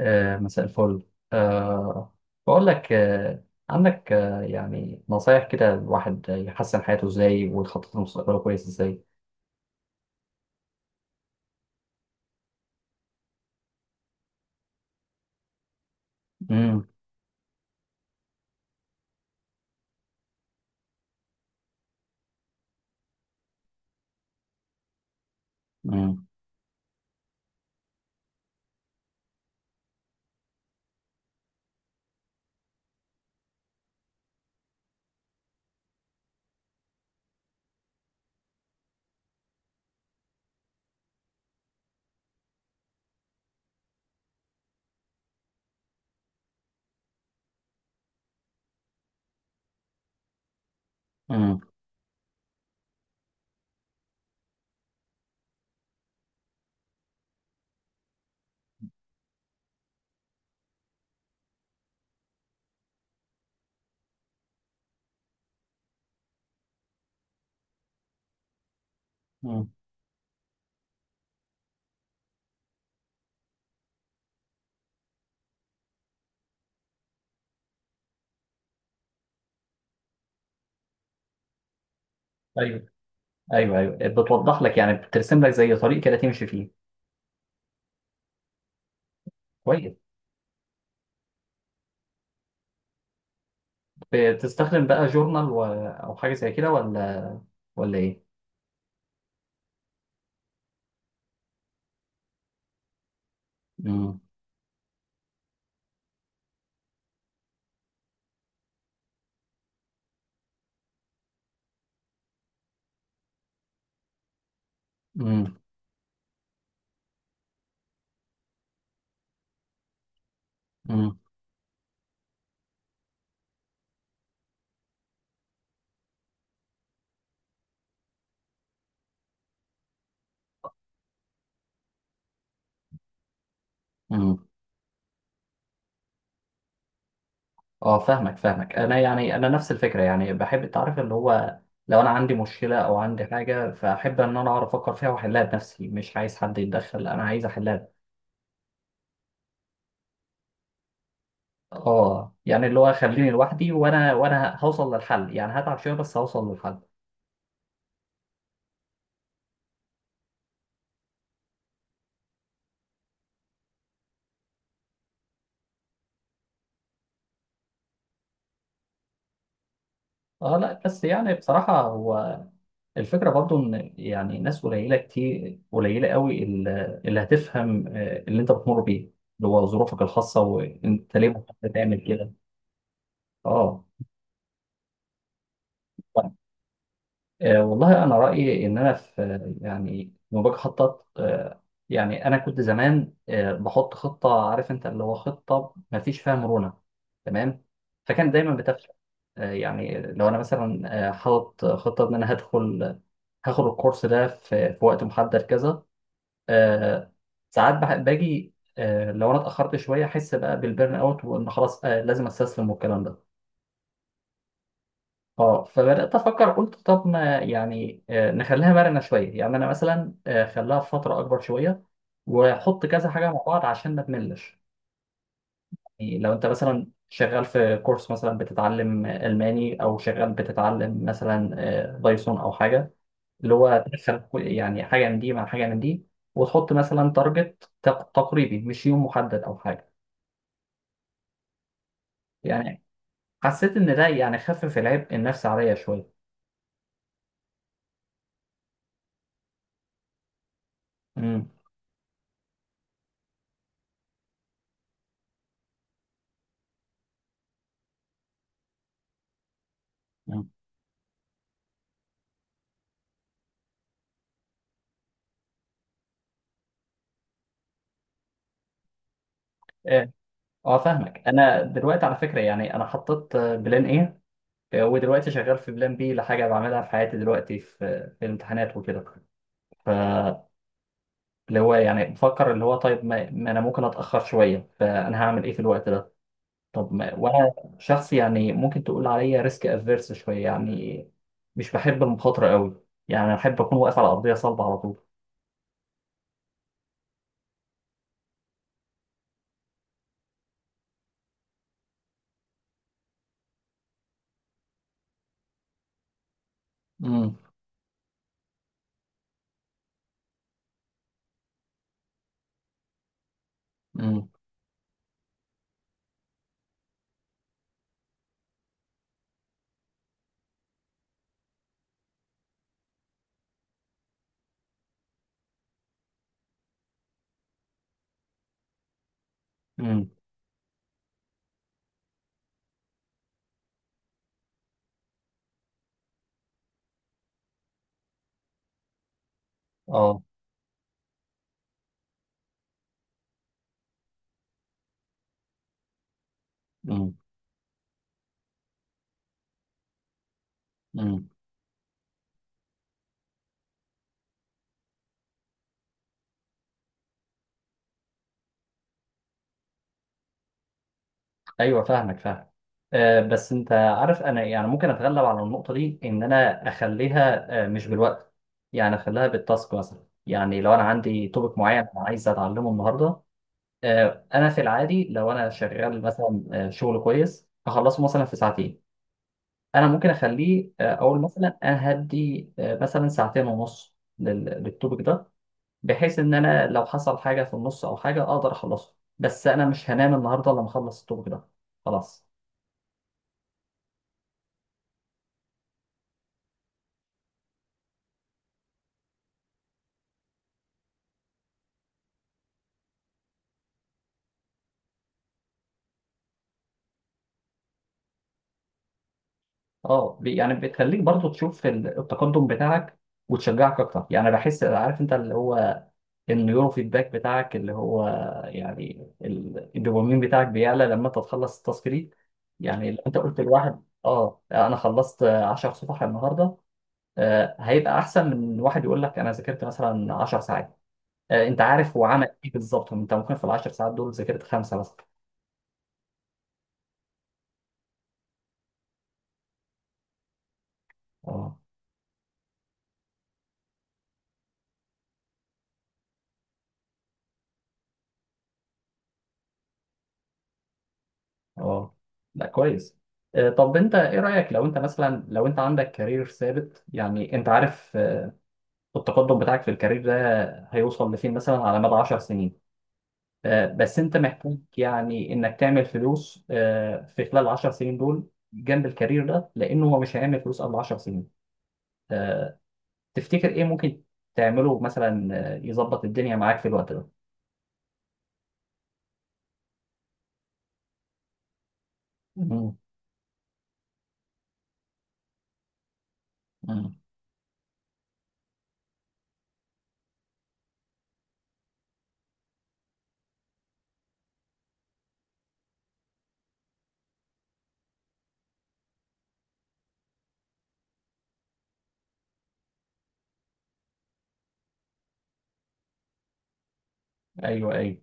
مساء الفل. آه، بقول لك، عندك يعني نصايح كده الواحد يحسن حياته ازاي ويخطط لمستقبله كويس ازاي؟ امم. امم. امم. أمم. ايوه، ايوه، ايوه، بتوضح لك يعني بترسم لك زي طريق كده تمشي فيه. كويس. بتستخدم بقى جورنال او حاجه زي كده، ولا ايه؟ امم. امم. امم. اه، فاهمك فاهمك، انا يعني انا نفس الفكره، يعني بحب التعرف اللي هو لو انا عندي مشكله او عندي حاجه، فاحب ان انا اعرف افكر فيها واحلها بنفسي، مش عايز حد يتدخل، انا عايز احلها. اه، يعني اللي هو خليني لوحدي، وانا هوصل للحل، يعني هتعب شويه بس هوصل للحل. اه، لا بس يعني بصراحه، هو الفكره برضو ان يعني ناس قليله كتير قليله قوي اللي هتفهم اللي انت بتمر بيه، اللي هو ظروفك الخاصه وانت ليه بتعمل كده. اه. والله أنا رأيي إن أنا في، يعني لما باجي أخطط، يعني أنا كنت زمان بحط خطة، عارف أنت اللي هو خطة ما فيش فيها مرونة. تمام. فكان دايما بتفشل. يعني لو أنا مثلا حاطط خطة إن أنا هدخل هاخد الكورس ده في وقت محدد كذا. آه، ساعات باجي، لو أنا اتأخرت شوية أحس بقى بالبرن أوت، وإن خلاص لازم أستسلم والكلام ده. اه، فبدات افكر قلت طب ما يعني نخليها مرنه شويه، يعني انا مثلا خليها في فتره اكبر شويه، واحط كذا حاجه مع بعض عشان ما تملش. يعني لو انت مثلا شغال في كورس مثلا بتتعلم الماني، او شغال بتتعلم مثلا بايثون او حاجه، اللي هو تدخل يعني حاجه من دي مع حاجه من دي، وتحط مثلا تارجت تقريبي، مش يوم محدد او حاجه. يعني حسيت ان ده يعني خفف العبء النفسي عليا شويه. امم. اه، فاهمك. انا دلوقتي على فكره يعني انا حطيت بلان ايه، ودلوقتي شغال في بلان بي لحاجه بعملها في حياتي دلوقتي، في في الامتحانات وكده. فاللي هو يعني بفكر اللي هو طيب ما انا ممكن اتاخر شويه، فانا هعمل ايه في الوقت ده. طب ما وانا شخص يعني ممكن تقول عليا ريسك افيرس شويه يعني، مش بحب المخاطره قوي، يعني انا بحب اكون واقف على ارضيه صلبه على طول. امم. امم. امم. اه. امم. ايوه، فاهمك فاهم، بس انت عارف انا يعني ممكن اتغلب على النقطه دي، ان انا اخليها مش بالوقت، يعني اخليها بالتاسك مثلا، يعني لو انا عندي توبك معين انا عايز اتعلمه النهارده. انا في العادي لو انا شغال مثلا شغل كويس، هخلصه مثلا في ساعتين. انا ممكن اخليه، اقول مثلا انا هدي مثلا ساعتين ونص للتوبك ده، بحيث ان انا لو حصل حاجه في النص او حاجه اقدر اخلصه. بس انا مش هنام النهارده الا لما اخلص التوبك ده. خلاص. اه، يعني بتخليك برضو تشوف التقدم بتاعك وتشجعك اكتر، يعني بحس عارف انت اللي هو النيورو فيدباك بتاعك اللي هو يعني الدوبامين بتاعك بيعلى لما انت تخلص التاسك دي. يعني لو انت قلت لواحد اه انا خلصت 10 صفح النهارده، هيبقى احسن من واحد يقول لك انا ذاكرت مثلا 10 ساعات. انت عارف هو عمل ايه بالظبط، انت ممكن في ال 10 ساعات دول ذاكرت خمسه مثلا. اه. اه، لا كويس. طب انت ايه رأيك، لو انت مثلا لو انت عندك كارير ثابت، يعني انت عارف التقدم بتاعك في الكارير ده هيوصل لفين مثلا على مدى 10 سنين. بس انت محتاج يعني انك تعمل فلوس في خلال 10 سنين دول جنب الكارير ده، لانه هو مش هيعمل فلوس قبل 10 سنين. آه، تفتكر ايه ممكن تعمله مثلا، يظبط الدنيا معاك في الوقت ده؟ مم. مم. ايوه، ايوه.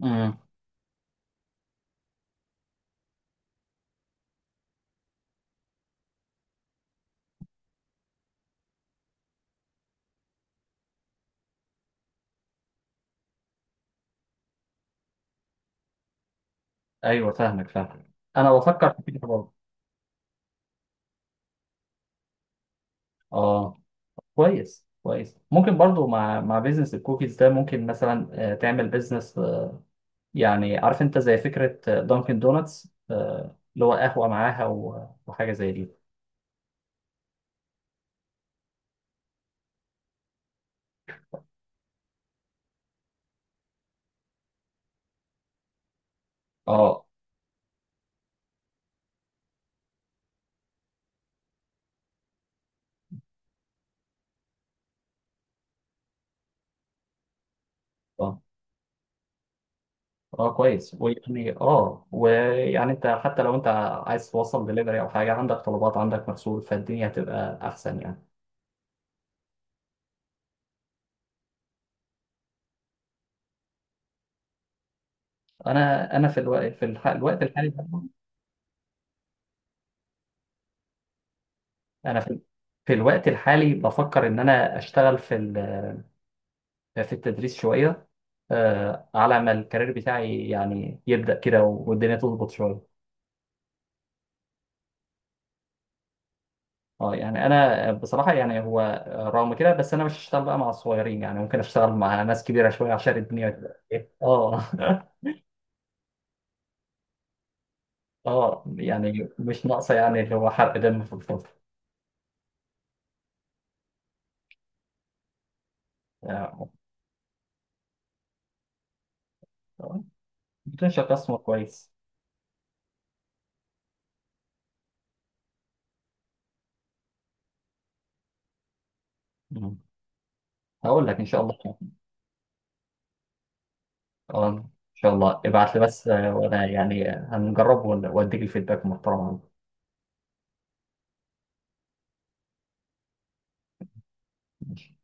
مم. ايوه، فاهمك فاهمك، انا بفكر في كده برضه. اه، كويس كويس، ممكن برضو مع بيزنس الكوكيز ده ممكن مثلا تعمل بيزنس، يعني عارف انت زي فكرة دانكن دونتس، اللي هو قهوة معاها وحاجة زي دي. اه. اه. اه، كويس. ويعني اه ويعني انت حتى لو انت عايز توصل دليفري او حاجة، عندك طلبات عندك مرسول، فالدنيا هتبقى احسن يعني. انا في الوقت في الح- الوقت الحالي ده- انا في الوقت الحالي بفكر ان انا اشتغل في التدريس شوية، على ما الكارير بتاعي يعني يبدأ كده والدنيا تظبط شوية. اه، يعني انا بصراحة يعني هو رغم كده، بس انا مش هشتغل بقى مع الصغيرين، يعني ممكن اشتغل مع ناس كبيرة شوية عشان الدنيا تبقى إيه؟ اه. اه، يعني مش ناقصة يعني اللي هو حرق دم في الفضل. آه، بتنشأ قسم كويس. مم. هقول لك ان شاء الله. اه، ان شاء الله ابعت لي بس، وانا يعني هنجرب واديك الفيدباك المحترم عنه. ماشي.